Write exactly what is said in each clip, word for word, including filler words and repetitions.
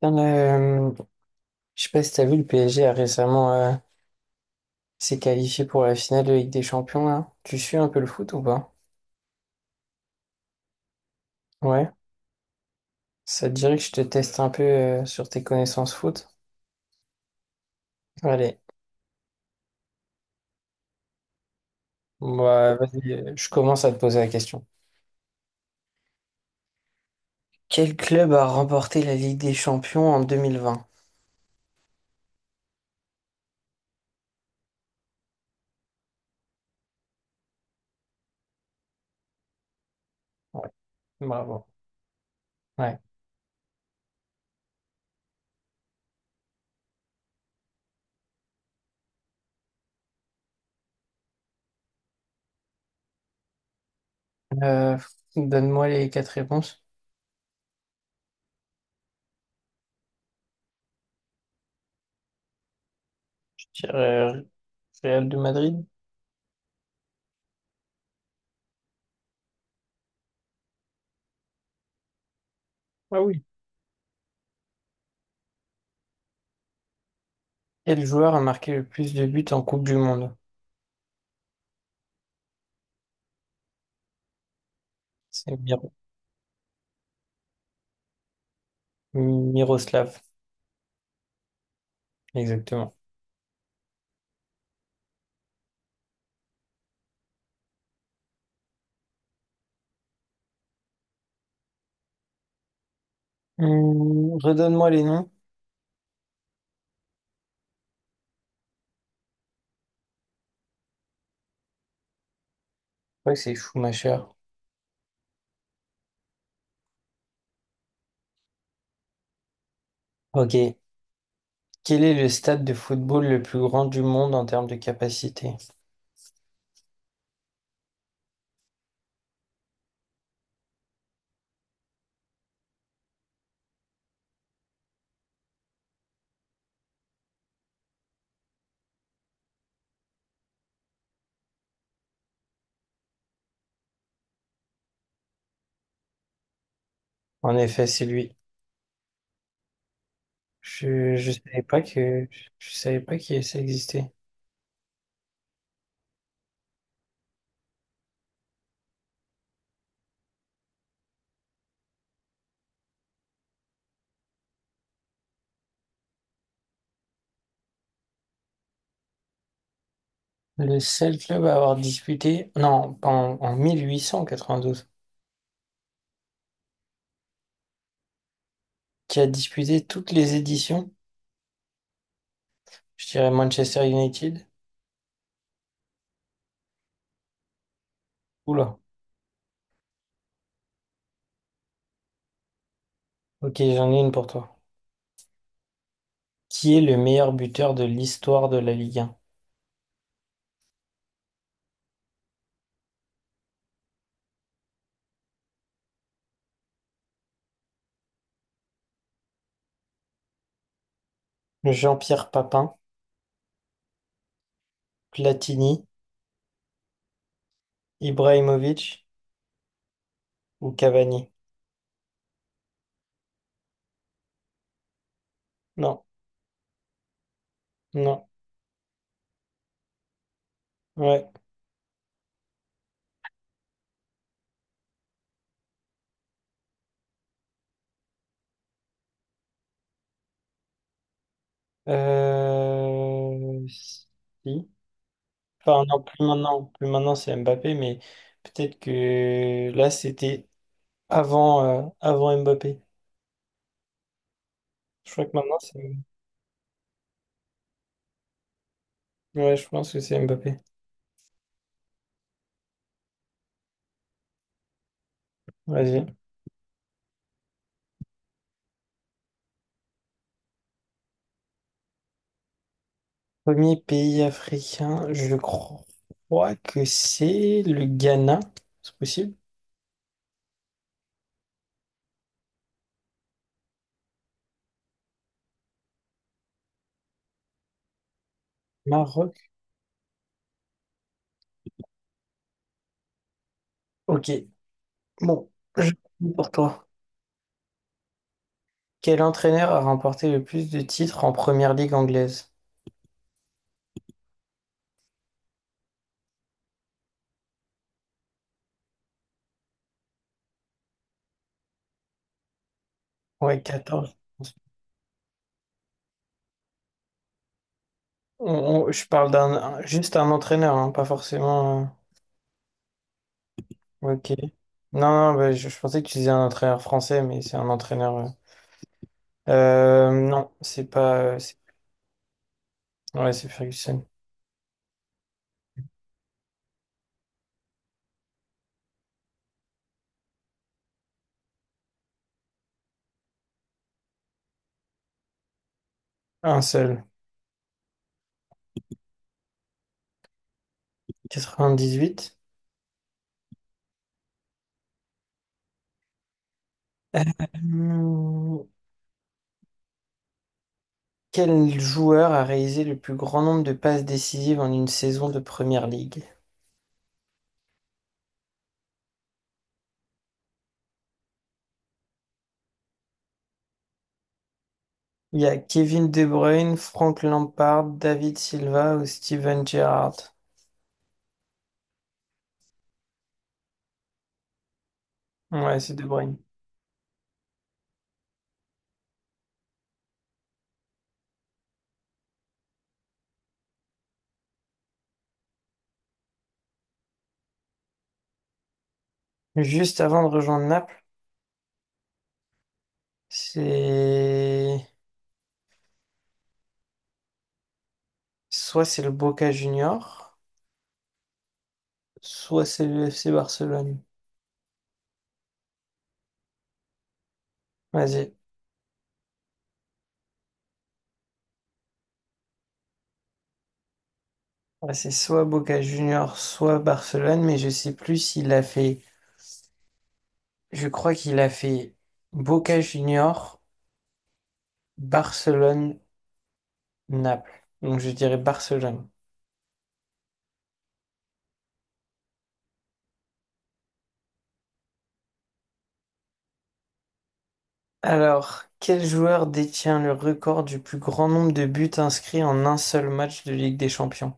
Dans le- je sais pas si t'as vu, le P S G a récemment euh, s'est qualifié pour la finale de Ligue des Champions là. Tu suis un peu le foot ou pas? Ouais. Ça te dirait que je te teste un peu euh, sur tes connaissances foot? Allez, bah vas-y, euh, je commence à te poser la question. Quel club a remporté la Ligue des Champions en deux mille vingt? Ouais, bravo. Ouais. Euh, donne-moi les quatre réponses. Je dirais, euh, Real de Madrid? Ah oui. Quel joueur a marqué le plus de buts en Coupe du Monde? C'est Mir- Miroslav. Exactement. Hum, redonne-moi les noms. Je crois que c'est Schumacher. Ok. Quel est le stade de football le plus grand du monde en termes de capacité? En effet, c'est lui. Je, je savais pas que je savais pas que ça existait. Le seul club à avoir disputé, non, en, en mille huit cent quatre-vingt-douze, qui a disputé toutes les éditions, je dirais Manchester United. Oula. Ok, j'en ai une pour toi. Qui est le meilleur buteur de l'histoire de la Ligue un? Jean-Pierre Papin, Platini, Ibrahimovic ou Cavani? Non, non, ouais. Euh... Si. Enfin, non, plus maintenant, plus maintenant c'est Mbappé, mais peut-être que là c'était avant, euh, avant Mbappé. Je crois que maintenant c'est. Ouais, je pense que c'est Mbappé. Vas-y. Premier pays africain, je crois que c'est le Ghana. C'est possible? Maroc. Ok, bon, je pour toi. Quel entraîneur a remporté le plus de titres en première ligue anglaise? Ouais, quatorze. On- on- je parle d'un un- juste un entraîneur, hein, pas forcément. Euh, ok. Non, non, bah, je, je pensais que tu disais un entraîneur français, mais c'est un entraîneur. Euh. Euh, non, c'est pas. Euh, c'est- ouais, c'est Ferguson. Un seul. quatre-vingt-dix-huit. Hmm, quel joueur a réalisé le plus grand nombre de passes décisives en une saison de première ligue? Il y a Kevin De Bruyne, Frank Lampard, David Silva ou Steven Gerrard. Ouais, c'est De Bruyne. Juste avant de rejoindre Naples, c'est soit c'est le Boca Junior, soit c'est le F C Barcelone. Vas-y. Ouais, c'est soit Boca Junior, soit Barcelone, mais je sais plus s'il a fait. Je crois qu'il a fait Boca Junior, Barcelone, Naples. Donc je dirais Barcelone. Alors, quel joueur détient le record du plus grand nombre de buts inscrits en un seul match de Ligue des Champions?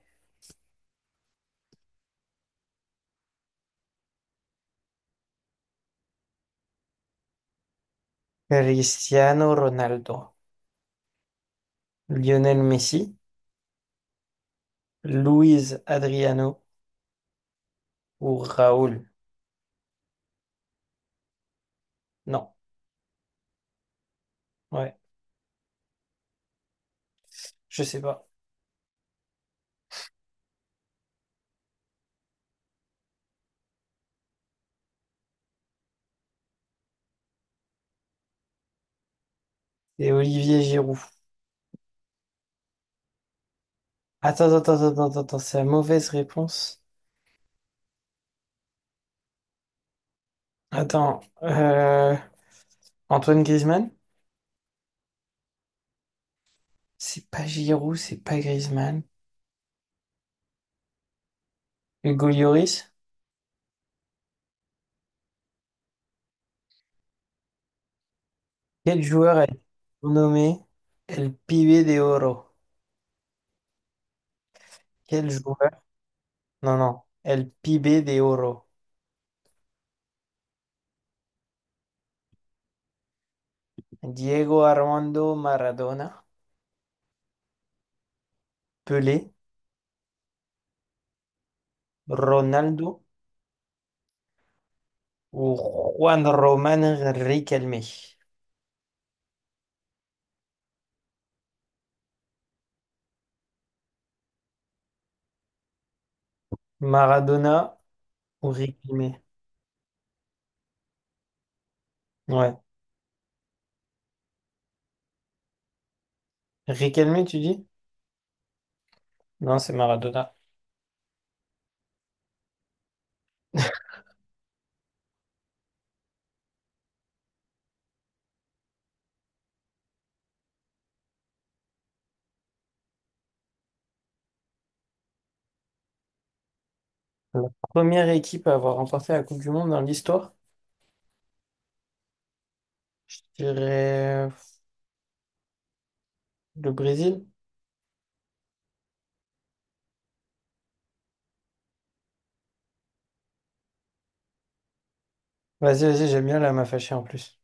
Cristiano Ronaldo, Lionel Messi, Luis Adriano ou Raoul? Non, ouais, je sais pas. Et Olivier Giroud. Attends, attends, attends, attends, attends, c'est la mauvaise réponse. Attends, euh, Antoine Griezmann? C'est pas Giroud, c'est pas Griezmann. Hugo Lloris? Quel joueur a été nommé El Pibe de Oro? Quel joueur? No, no, el pibe de oro. Diego Armando Maradona, Pelé, Ronaldo ou Juan Román Riquelme. Maradona ou Riquelme. Ouais. Riquelme, tu dis? Non, c'est Maradona. La première équipe à avoir remporté la Coupe du Monde dans l'histoire, je dirais euh, le Brésil. Vas-y, vas-y, j'aime bien, là, elle m'a fâché en plus.